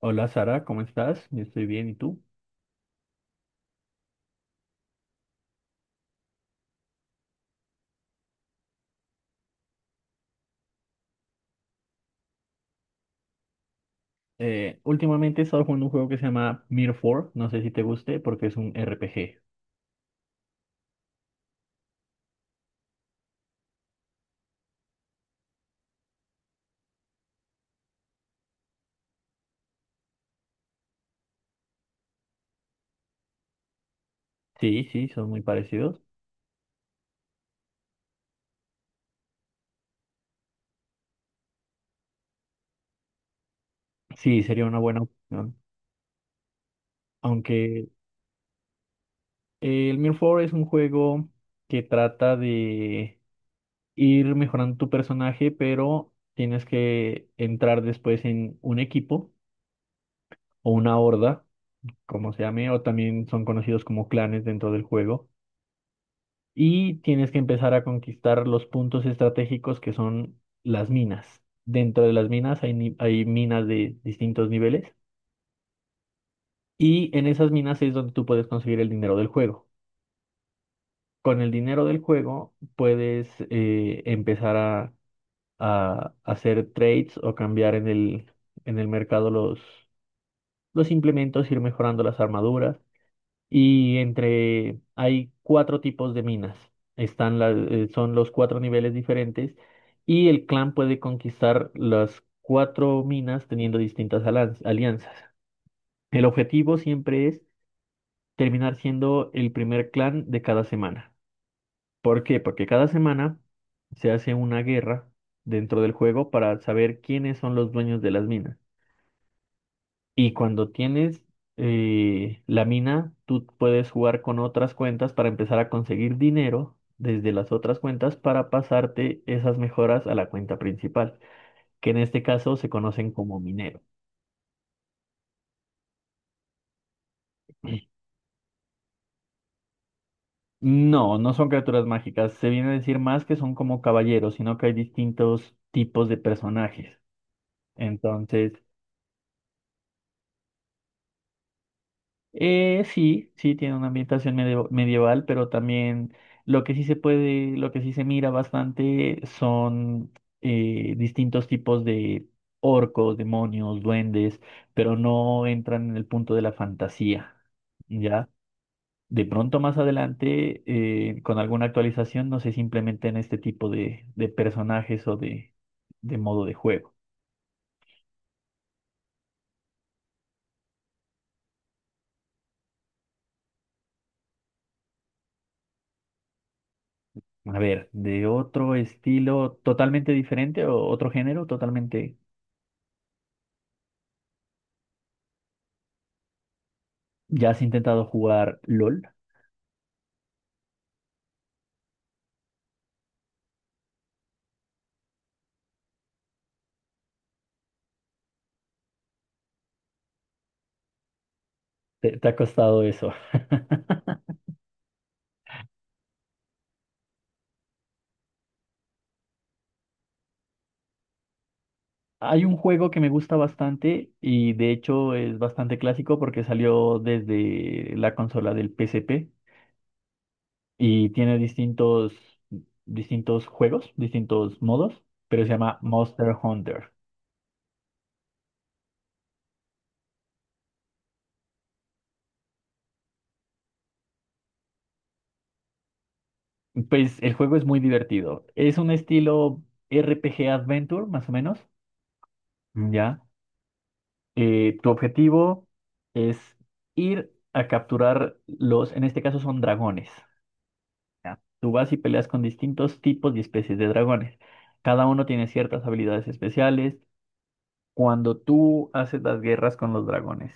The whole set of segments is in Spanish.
Hola Sara, ¿cómo estás? Yo estoy bien, ¿y tú? Últimamente he estado jugando un juego que se llama Mirror 4, no sé si te guste porque es un RPG. Sí, sí, son muy parecidos. Sí, sería una buena opción. Aunque el Mirror 4 es un juego que trata de ir mejorando tu personaje, pero tienes que entrar después en un equipo o una horda, como se llame, o también son conocidos como clanes dentro del juego y tienes que empezar a conquistar los puntos estratégicos que son las minas. Dentro de las minas hay, ni- hay minas de distintos niveles y en esas minas es donde tú puedes conseguir el dinero del juego. Con el dinero del juego puedes empezar a hacer trades o cambiar en en el mercado los implementos, ir mejorando las armaduras. Y entre, hay cuatro tipos de minas. Están las, son los cuatro niveles diferentes y el clan puede conquistar las cuatro minas teniendo distintas alianzas. El objetivo siempre es terminar siendo el primer clan de cada semana. ¿Por qué? Porque cada semana se hace una guerra dentro del juego para saber quiénes son los dueños de las minas. Y cuando tienes la mina, tú puedes jugar con otras cuentas para empezar a conseguir dinero desde las otras cuentas para pasarte esas mejoras a la cuenta principal, que en este caso se conocen como minero. No, no son criaturas mágicas. Se viene a decir más que son como caballeros, sino que hay distintos tipos de personajes. Entonces, sí, sí, tiene una ambientación medieval, pero también lo que sí se puede, lo que sí se mira bastante son distintos tipos de orcos, demonios, duendes, pero no entran en el punto de la fantasía, ¿ya? De pronto más adelante, con alguna actualización, no sé, simplemente en este tipo de personajes o de modo de juego. A ver, de otro estilo totalmente diferente o otro género totalmente. ¿Ya has intentado jugar LOL? Te ha costado eso? Hay un juego que me gusta bastante y de hecho es bastante clásico porque salió desde la consola del PSP y tiene distintos juegos, distintos modos, pero se llama Monster Hunter. Pues el juego es muy divertido. Es un estilo RPG Adventure, más o menos. Ya. Tu objetivo es ir a capturar los, en este caso son dragones. Ya, tú vas y peleas con distintos tipos y especies de dragones. Cada uno tiene ciertas habilidades especiales. Cuando tú haces las guerras con los dragones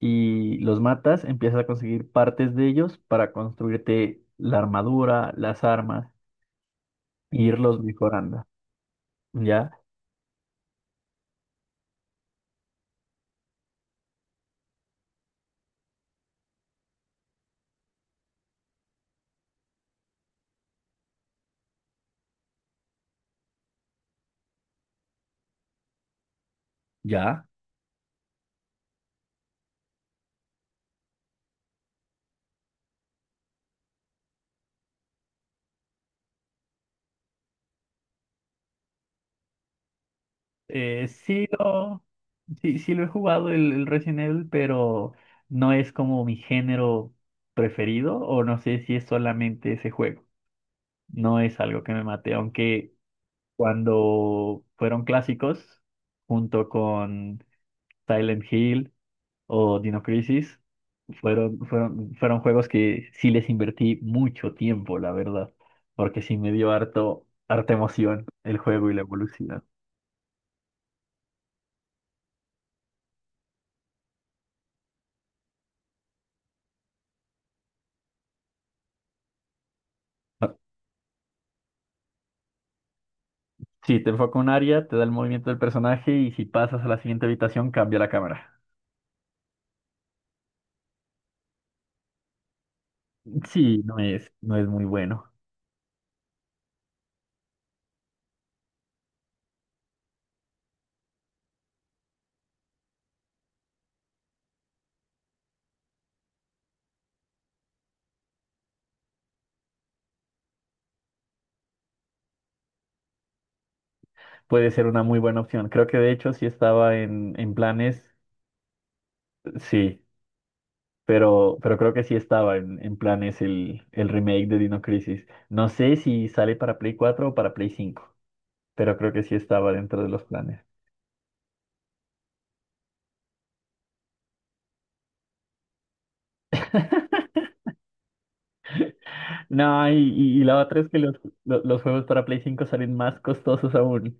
y los matas, empiezas a conseguir partes de ellos para construirte la armadura, las armas, e irlos mejorando. ¿Ya? Ya. Eh, sí lo, sí, sí lo he jugado el Resident Evil, pero no es como mi género preferido o no sé si es solamente ese juego. No es algo que me mate, aunque cuando fueron clásicos, junto con Silent Hill o Dino Crisis, fueron juegos que sí les invertí mucho tiempo, la verdad, porque sí me dio harto, harta emoción el juego y la evolución. Ah, sí, te enfoca un área, te da el movimiento del personaje y si pasas a la siguiente habitación cambia la cámara. Sí, no es muy bueno. Puede ser una muy buena opción. Creo que de hecho sí estaba en planes. Sí, pero creo que sí estaba en planes el remake de Dino Crisis. No sé si sale para Play 4 o para Play 5, pero creo que sí estaba dentro de los planes. No, y la otra es que los juegos para Play 5 salen más costosos aún.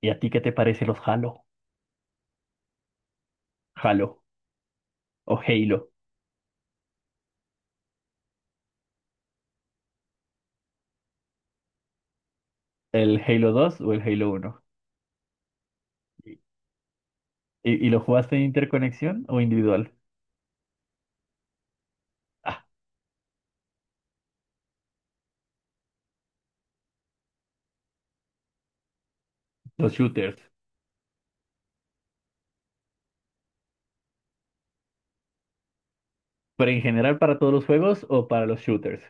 ¿Y a ti qué te parece los Halo? Halo o Halo. ¿El Halo 2 o el Halo 1? ¿Y, y lo jugaste en interconexión o individual? Ah, los shooters. ¿Pero en general para todos los juegos o para los shooters?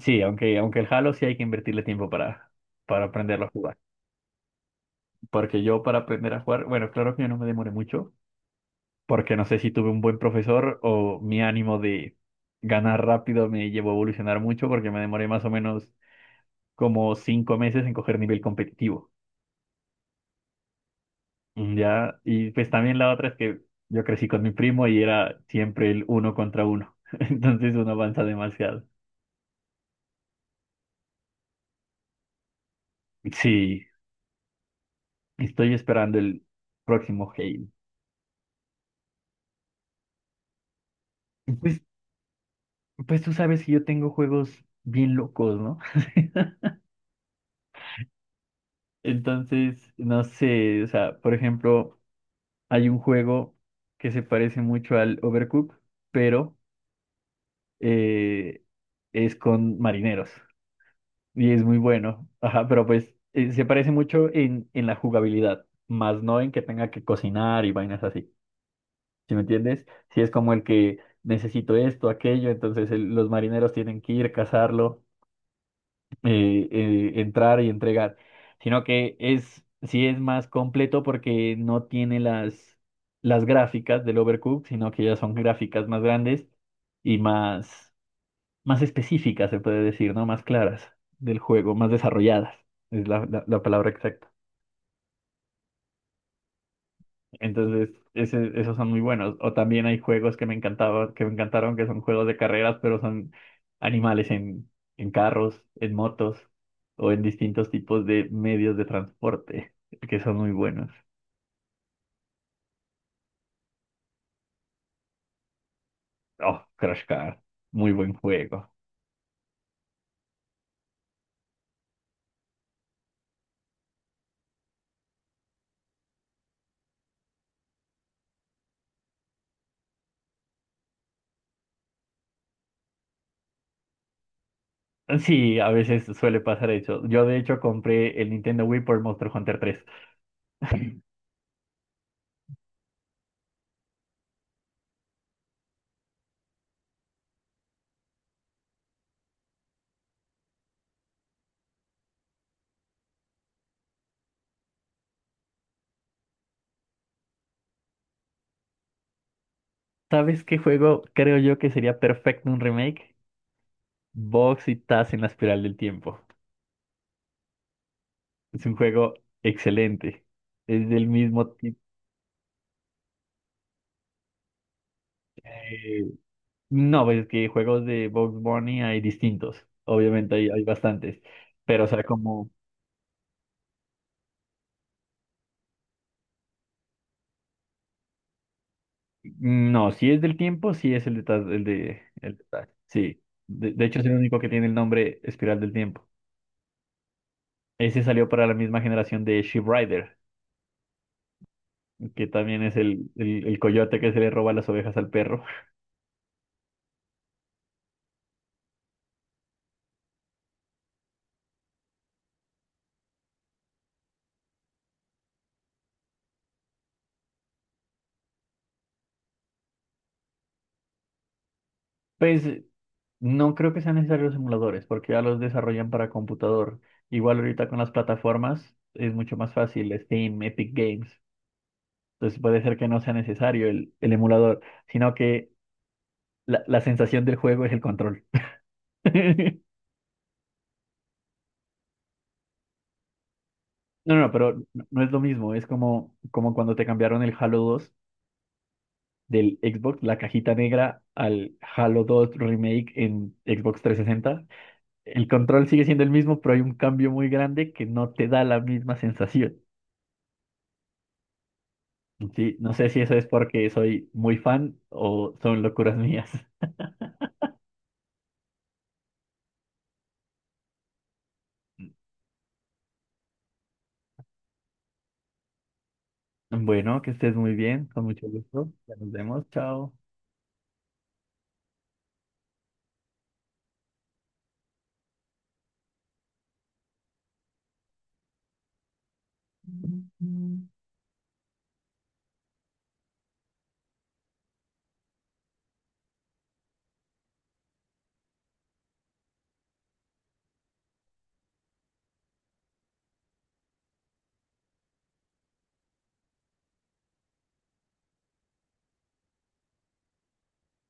Sí, aunque el Halo sí hay que invertirle tiempo para aprenderlo a jugar. Porque yo para aprender a jugar, bueno, claro que yo no me demoré mucho, porque no sé si tuve un buen profesor o mi ánimo de ganar rápido me llevó a evolucionar mucho, porque me demoré más o menos como cinco meses en coger nivel competitivo. Ya, y pues también la otra es que yo crecí con mi primo y era siempre el uno contra uno. Entonces uno avanza demasiado. Sí, estoy esperando el próximo Halo. Pues, pues tú sabes que yo tengo juegos bien locos, ¿no? Entonces, no sé, o sea, por ejemplo, hay un juego que se parece mucho al Overcooked, pero eh, es con marineros y es muy bueno. Ajá, pero pues se parece mucho en la jugabilidad, más no en que tenga que cocinar y vainas así. ¿Sí me entiendes? Si es como el que necesito esto, aquello, entonces los marineros tienen que ir a cazarlo. Entrar y entregar, sino que es, sí es más completo porque no tiene las gráficas del Overcooked, sino que ya son gráficas más grandes y más específicas, se puede decir, ¿no? Más claras del juego, más desarrolladas, es la la palabra exacta. Entonces, esos son muy buenos. O también hay juegos que me encantaba, que me encantaron, que son juegos de carreras, pero son animales en carros, en motos o en distintos tipos de medios de transporte, que son muy buenos. Oh, Crash Car, muy buen juego. Sí, a veces suele pasar eso. Yo de hecho compré el Nintendo Wii por Monster Hunter 3. ¿Sabes qué juego creo yo que sería perfecto un remake? Box y Taz en la espiral del tiempo. Es un juego excelente. Es del mismo tipo. eh, no, pues es que juegos de Bugs Bunny hay distintos. Obviamente hay bastantes. Pero, o sea, como. No, si es del tiempo, sí es el de. El el de Taz, sí. De hecho, es el único que tiene el nombre Espiral del Tiempo. Ese salió para la misma generación de Sheep Rider, que también es el coyote que se le roba las ovejas al perro. Pues no creo que sean necesarios los emuladores, porque ya los desarrollan para computador. Igual ahorita con las plataformas es mucho más fácil, Steam, Epic Games. Entonces puede ser que no sea necesario el emulador, sino que la sensación del juego es el control. No, no, pero no es lo mismo. Es como, como cuando te cambiaron el Halo 2 del Xbox, la cajita negra, al Halo 2 Remake en Xbox 360. El control sigue siendo el mismo, pero hay un cambio muy grande que no te da la misma sensación. Sí, no sé si eso es porque soy muy fan o son locuras mías. Bueno, que estés muy bien, con mucho gusto. Ya nos vemos, chao.